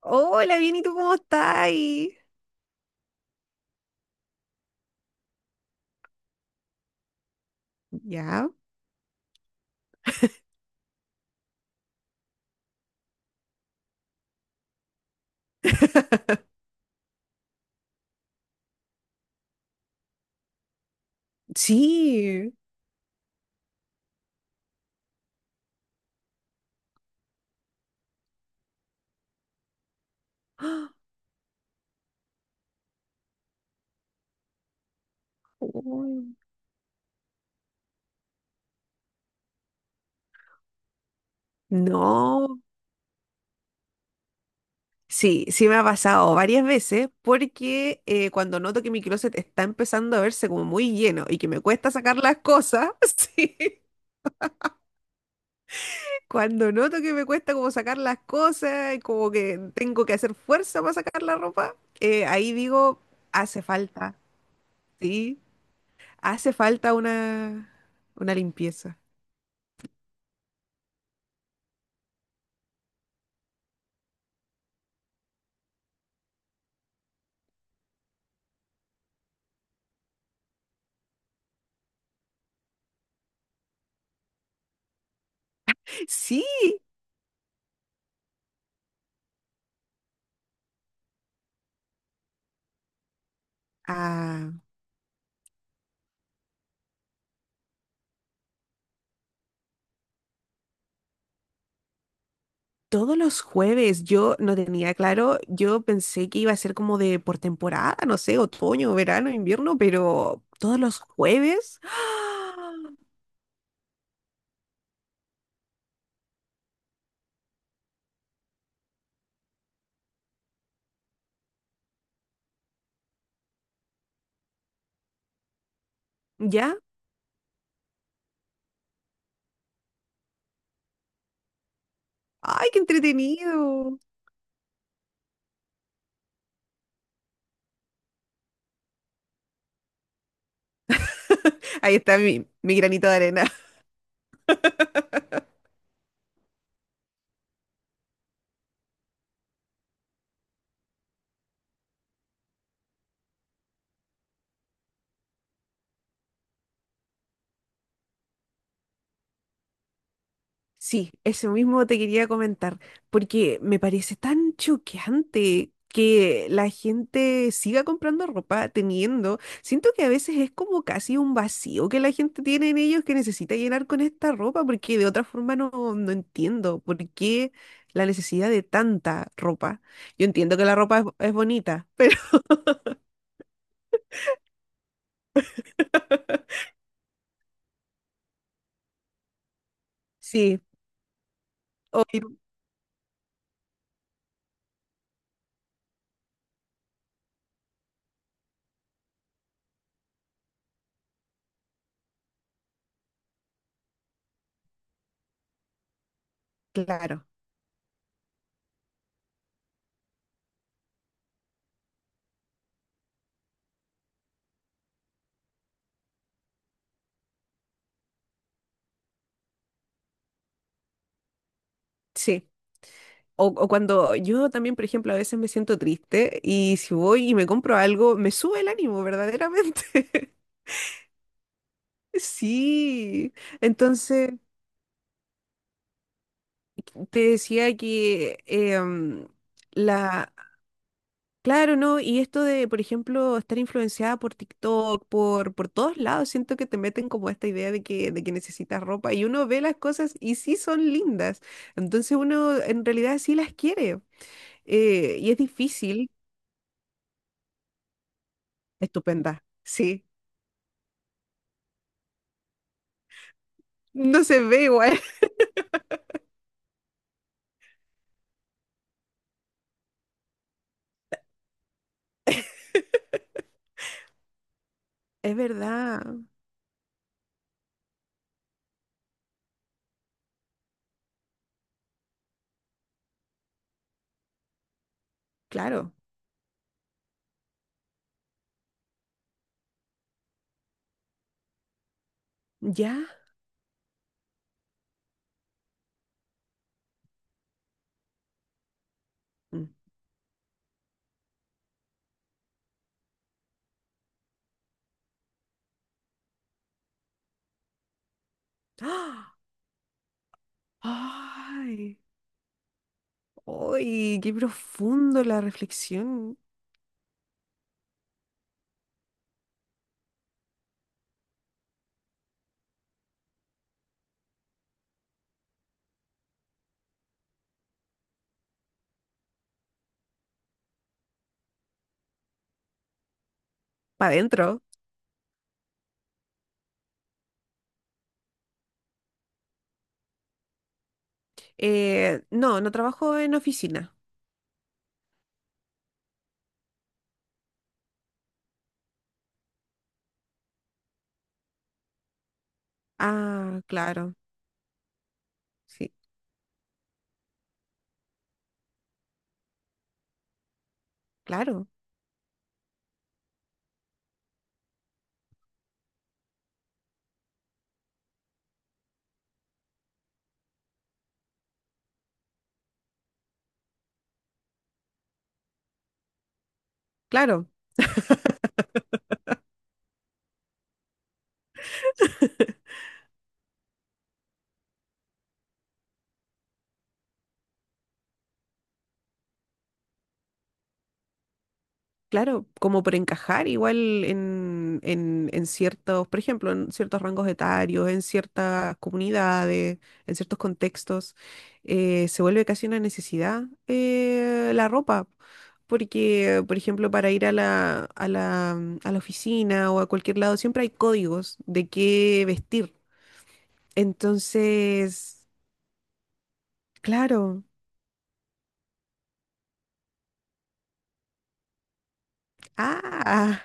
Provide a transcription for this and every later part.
Hola, bien, ¿y tú cómo estás? Ya. Sí. ¡Ah! Uy. No. Sí, sí me ha pasado varias veces porque cuando noto que mi closet está empezando a verse como muy lleno y que me cuesta sacar las cosas, sí. Cuando noto que me cuesta como sacar las cosas y como que tengo que hacer fuerza para sacar la ropa, ahí digo, hace falta, sí, hace falta una limpieza. Sí, Ah, todos los jueves yo no tenía claro, yo pensé que iba a ser como de por temporada, no sé, otoño, verano, invierno, pero todos los jueves. ¡Ah! ¿Ya? ¡Ay, qué entretenido! Ahí está mi granito de arena. Sí, eso mismo te quería comentar, porque me parece tan choqueante que la gente siga comprando ropa teniendo. Siento que a veces es como casi un vacío que la gente tiene en ellos que necesita llenar con esta ropa, porque de otra forma no entiendo por qué la necesidad de tanta ropa. Yo entiendo que la ropa es bonita, pero sí, hoy, claro, sí. O cuando yo también, por ejemplo, a veces me siento triste y si voy y me compro algo, me sube el ánimo, verdaderamente. Sí. Entonces, te decía que la... Claro, ¿no? Y esto de, por ejemplo, estar influenciada por TikTok, por todos lados, siento que te meten como esta idea de que necesitas ropa y uno ve las cosas y sí son lindas. Entonces uno en realidad sí las quiere. Y es difícil. Estupenda. Sí. No se ve igual. Es verdad, claro. ¿Ya? Mm. ¡Ah! ¡Ay! ¡Ay! ¡Qué profundo la reflexión! Para adentro. No, no trabajo en oficina. Ah, claro. Sí, claro, claro. Claro, como por encajar igual en ciertos, por ejemplo, en ciertos rangos etarios, en ciertas comunidades, en ciertos contextos, se vuelve casi una necesidad la ropa. Porque, por ejemplo, para ir a mm, a la oficina o a cualquier lado, siempre hay códigos de qué vestir. Entonces, claro. Ah.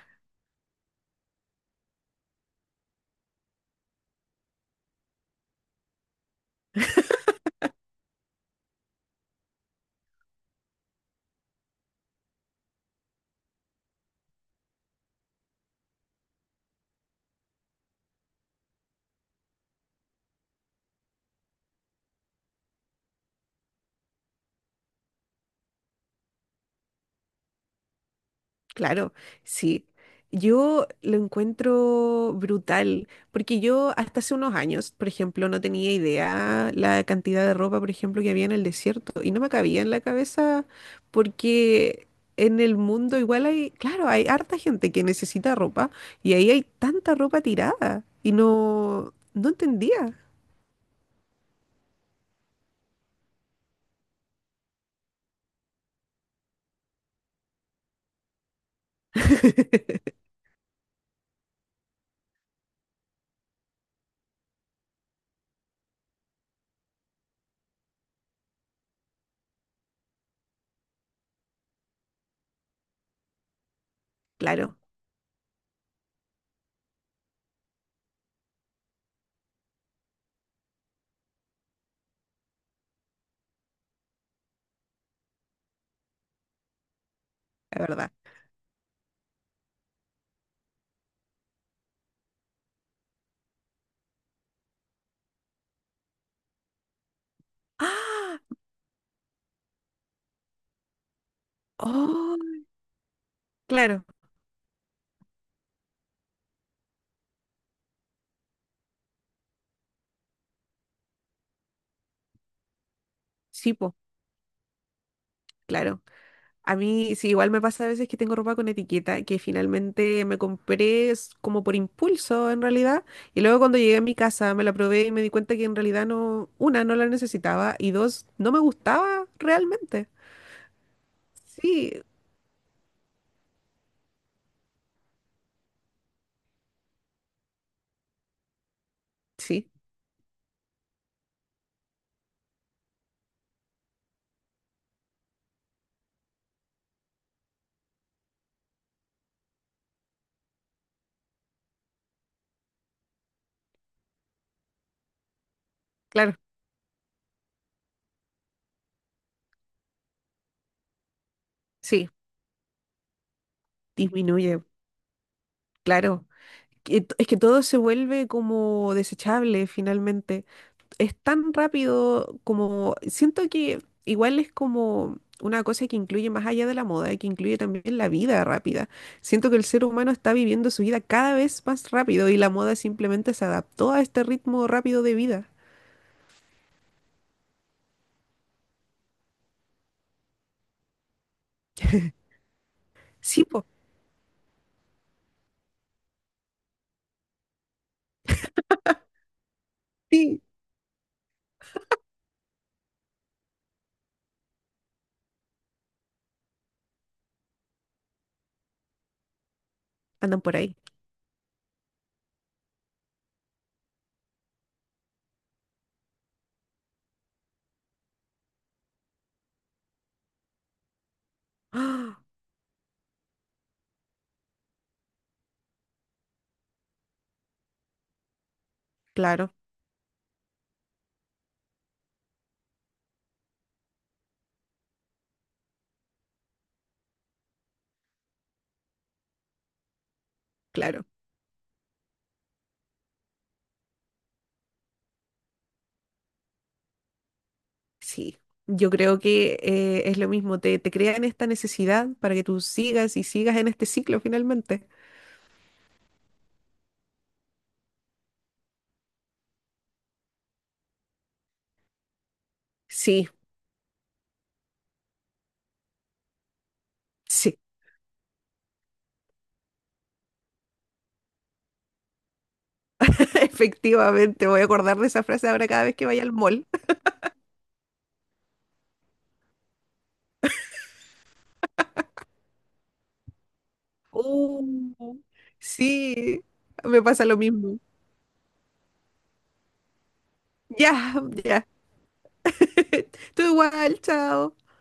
Claro, sí. Yo lo encuentro brutal, porque yo hasta hace unos años, por ejemplo, no tenía idea la cantidad de ropa, por ejemplo, que había en el desierto, y no me cabía en la cabeza, porque en el mundo igual hay, claro, hay harta gente que necesita ropa, y ahí hay tanta ropa tirada, y no entendía, claro, la verdad. ¡Ah! ¡Oh! Claro, sí, po, claro. A mí sí, igual me pasa a veces que tengo ropa con etiqueta que finalmente me compré es como por impulso en realidad y luego cuando llegué a mi casa me la probé y me di cuenta que en realidad no, una, no la necesitaba y dos, no me gustaba realmente. Sí, sí, claro, sí, disminuye, claro. Que t- Es que todo se vuelve como desechable finalmente. Es tan rápido como siento que igual es como una cosa que incluye más allá de la moda, que incluye también la vida rápida. Siento que el ser humano está viviendo su vida cada vez más rápido y la moda simplemente se adaptó a este ritmo rápido de vida. Sí, pues, sí, andan por ahí. Ah, claro, claro, sí. Yo creo que es lo mismo, te crean esta necesidad para que tú sigas y sigas en este ciclo finalmente. Sí, sí. Efectivamente, voy a acordar de esa frase ahora cada vez que vaya al mall. Uh, Sí, me pasa lo mismo. Ya, ya. Tú igual, chao.